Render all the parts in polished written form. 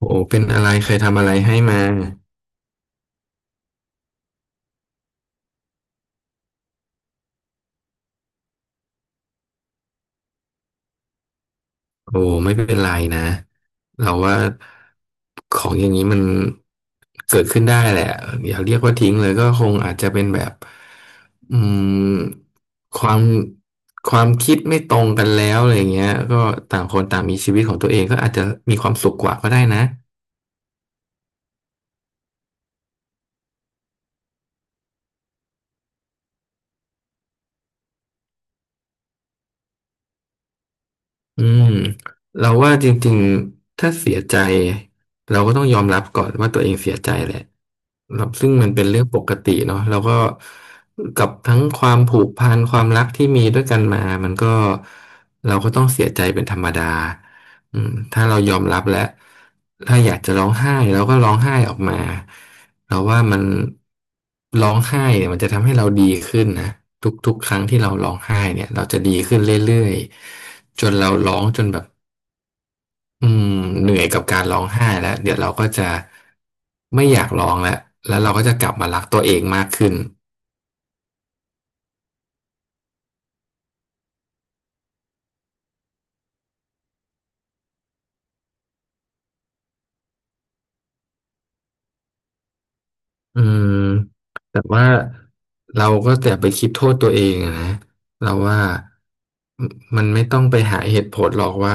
โอ้เป็นอะไรเคยทำอะไรให้มาโอ้ไม่เป็นไรนะเราว่าของอย่างนี้มันเกิดขึ้นได้แหละอย่าเรียกว่าทิ้งเลยก็คงอาจจะเป็นแบบอืมความความคิดไม่ตรงกันแล้วอะไรเงี้ยก็ต่างคนต่างมีชีวิตของตัวเองก็อาจจะมีความสุขกว่าก็ได้นะ อืมเราว่าจริงๆถ้าเสียใจเราก็ต้องยอมรับก่อนว่าตัวเองเสียใจแหละเราซึ่งมันเป็นเรื่องปกติเนาะเราก็กับทั้งความผูกพันความรักที่มีด้วยกันมามันก็เราก็ต้องเสียใจเป็นธรรมดาถ้าเรายอมรับแล้วถ้าอยากจะร้องไห้เราก็ร้องไห้ออกมา เราว่ามันร้องไห้เนี่ยมันจะทำให้เราดีขึ้นนะทุกๆครั้งที่เราร้องไห้เนี่ยเราจะดีขึ้นเรื่อยๆจนเราร้องจนแบบอืมเหนื่อยกับการร้องไห้แล้วเดี๋ยวเราก็จะไม่อยากร้องแล้วแล้วเราก็จะกลับมารักตัวเองมากขึ้นอืมแต่ว่าเราก็แต่าไปคิดโทษตัวเองอะนะเราว่ามันมันไม่ต้องไปหาเหตุผลหรอกว่า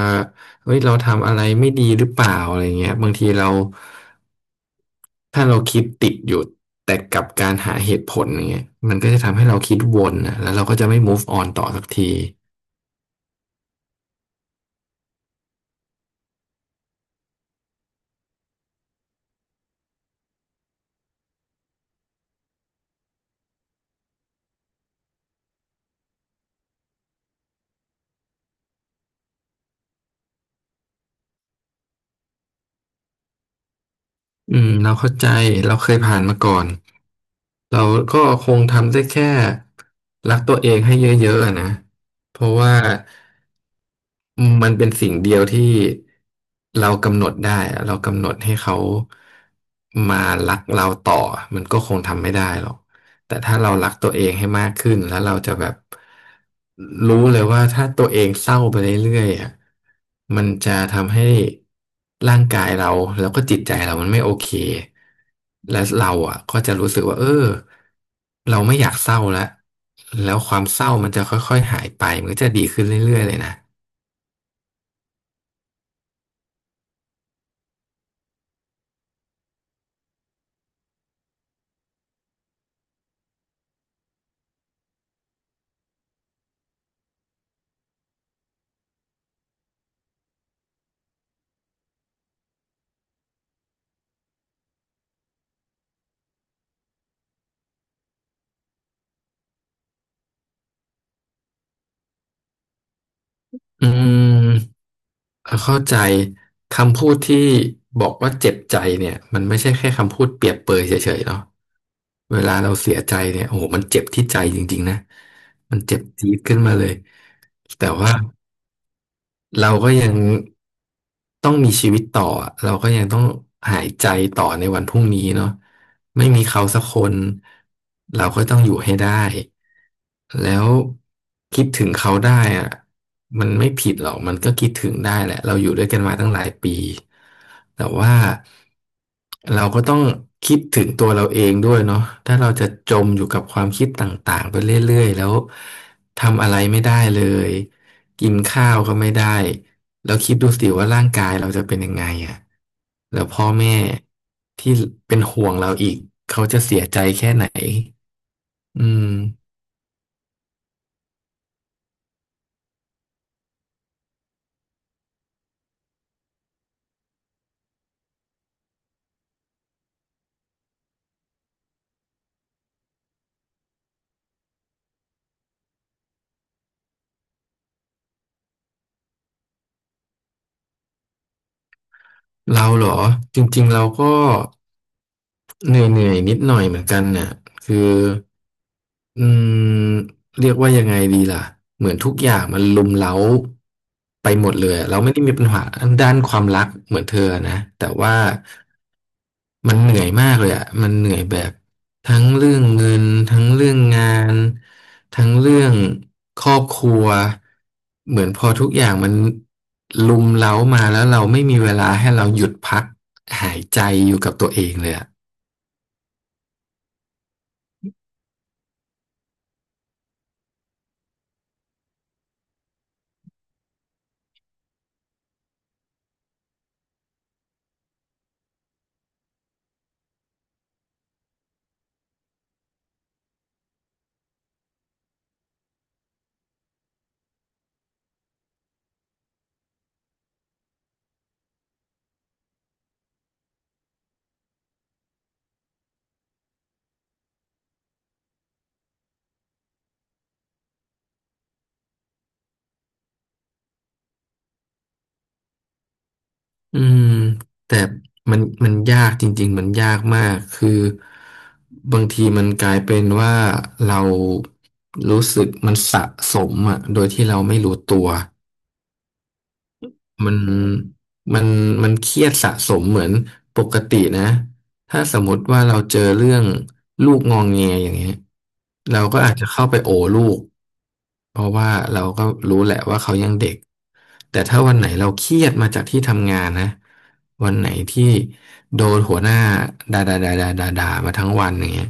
เฮ้ยเราทำอะไรไม่ดีหรือเปล่าอะไรเงี้ยบางทีเรา ถ้าเราคิดติดอยู่แต่กับการหาเหตุผลอย่างเงี้ยมันก็จะทำให้เราคิดวนนะแล้วเราก็จะไม่ move on ต่อสักทีเราเข้าใจเราเคยผ่านมาก่อนเราก็คงทำได้แค่รักตัวเองให้เยอะๆอะนะเพราะว่า มันเป็นสิ่งเดียวที่เรากำหนดได้อะเรากำหนดให้เขามารักเราต่อมันก็คงทำไม่ได้หรอกแต่ถ้าเรารักตัวเองให้มากขึ้นแล้วเราจะแบบรู้เลยว่าถ้าตัวเองเศร้าไปเรื่อยๆอะมันจะทำให้ร่างกายเราแล้วก็จิตใจเรามันไม่โอเคและเราอ่ะก็จะรู้สึกว่าเออเราไม่อยากเศร้าแล้วแล้วความเศร้ามันจะค่อยๆหายไปมันก็จะดีขึ้นเรื่อยๆเลยนะ อืมเข้าใจคำพูดที่บอกว่าเจ็บใจเนี่ยมันไม่ใช่แค่คำพูดเปรียบเปรยเฉยๆเนาะเวลาเราเสียใจเนี่ยโอ้โหมันเจ็บที่ใจจริงๆนะมันเจ็บจี๊ดขึ้นมาเลยแต่ว่า เราก็ยังต้องมีชีวิตต่ออะเราก็ยังต้องหายใจต่อในวันพรุ่งนี้เนาะไม่มีเขาสักคนเราก็ต้องอยู่ให้ได้แล้วคิดถึงเขาได้อะมันไม่ผิดหรอกมันก็คิดถึงได้แหละเราอยู่ด้วยกันมาตั้งหลายปีแต่ว่าเราก็ต้องคิดถึงตัวเราเองด้วยเนาะถ้าเราจะจมอยู่กับความคิดต่างๆไปเรื่อยๆแล้วทำอะไรไม่ได้เลย กินข้าวก็ไม่ได้แล้วคิดดูสิว่าร่างกายเราจะเป็นยังไงอ่ะแล้วพ่อแม่ที่เป็นห่วงเราอีกเขาจะเสียใจแค่ไหนอืมเราเหรอจริงๆเราก็เหนื่อยๆนิดหน่อยเหมือนกันน่ะคือ อืมเรียกว่ายังไงดีล่ะเหมือนทุกอย่างมันรุมเร้าไปหมดเลยอะเราไม่ได้มีปัญหาด้านความรักเหมือนเธอนะแต่ว่ามันเหนื่อยมากเลยอ่ะมันเหนื่อยแบบทั้งเรื่องเงินทั้งเรื่องงานทั้งเรื่องครอบครัวเหมือนพอทุกอย่างมันรุมเร้ามาแล้วเราไม่มีเวลาให้เราหยุดพักหายใจอยู่กับตัวเองเลยอ่ะ อืมแต่มันยากจริงๆมันยากมากคือบางทีมันกลายเป็นว่าเรารู้สึกมันสะสมอ่ะโดยที่เราไม่รู้ตัวมันมันมันเครียดสะสมเหมือนปกตินะ ถ้าสมมติว่าเราเจอเรื่องลูกงองแงอย่างเงี้ยเราก็อาจจะเข้าไปโอลูกเพราะว่าเราก็รู้แหละว่าเขายังเด็กแต่ถ้าวันไหนเราเครียดมาจากที่ทำงานนะวันไหนที่โดนหัวหน้าด่าด่าด่าด่าด่าด่ามาทั้งวันอย่างเงี้ย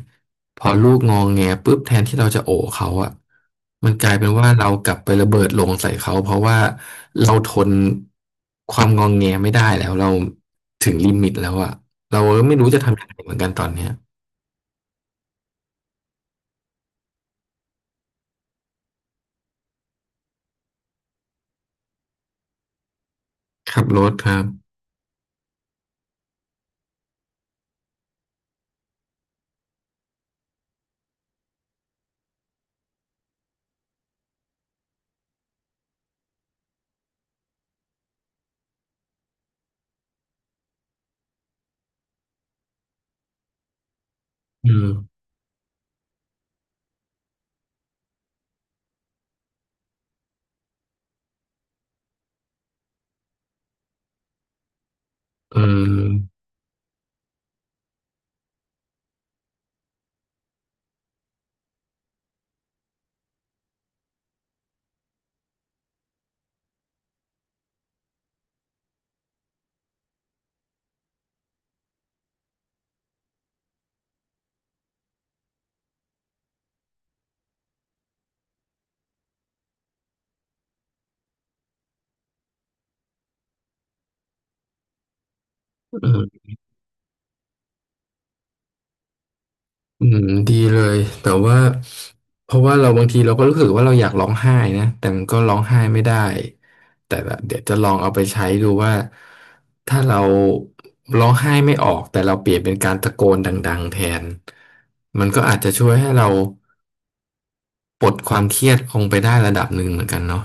พอลูกงองแงปุ๊บแทนที่เราจะโอเขาอะมันกลายเป็นว่าเรากลับไประเบิดลงใส่เขาเพราะว่าเราทนความงองแงไม่ได้แล้วเราถึงลิมิตแล้วอะ เราก็ไม่รู้จะทำยังไงเหมือนกันตอนเนี้ยขับรถครับอืมอืมอืมอืมดีเลยแต่ว่าเพราะว่าเราบางทีเราก็รู้สึกว่าเราอยากร้องไห้นะแต่มันก็ร้องไห้ไม่ได้ แต่ละเดี๋ยวจะลองเอาไปใช้ดูว่า ถ้าเราร้องไห้ไม่ออกแต่เราเปลี่ยนเป็นการตะโกนดังๆแทนมันก็อาจจะช่วยให้เราปลดความเครียดลงไปได้ระดับหนึ่งเหมือนกันเนาะ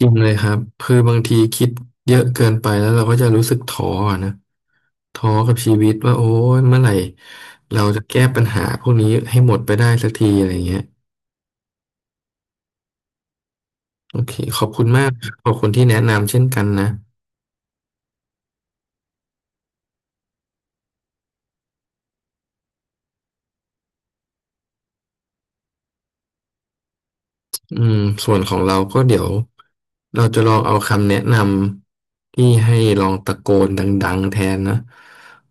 จริงเลยครับคือบางทีคิดเยอะเกินไปแล้วเราก็จะรู้สึกท้ออะนะท้อกับชีวิตว่าโอ้ยเมื่อไหร่เราจะแก้ปัญหาพวกนี้ให้หมดไปได้สักทีอะไรเงี้ยโอเคขอบคุณมากครับขอบคุณที่แนะนำเช่นกันนะ อืมส่วนของเราก็เดี๋ยวเราจะลองเอาคำแนะนำที่ให้ลองตะโกนดังๆแทนนะ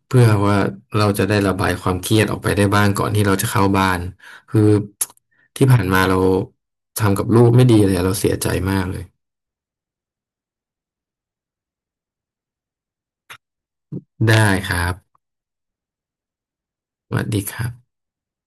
เพื่อว่าเราจะได้ระบายความเครียดออกไปได้บ้างก่อนที่เราจะเข้าบ้านคือที่ผ่านมาเราทำกับลูกไม่ดีเลยเราเสียใจมากเลยได้ครับสวัสดีครับ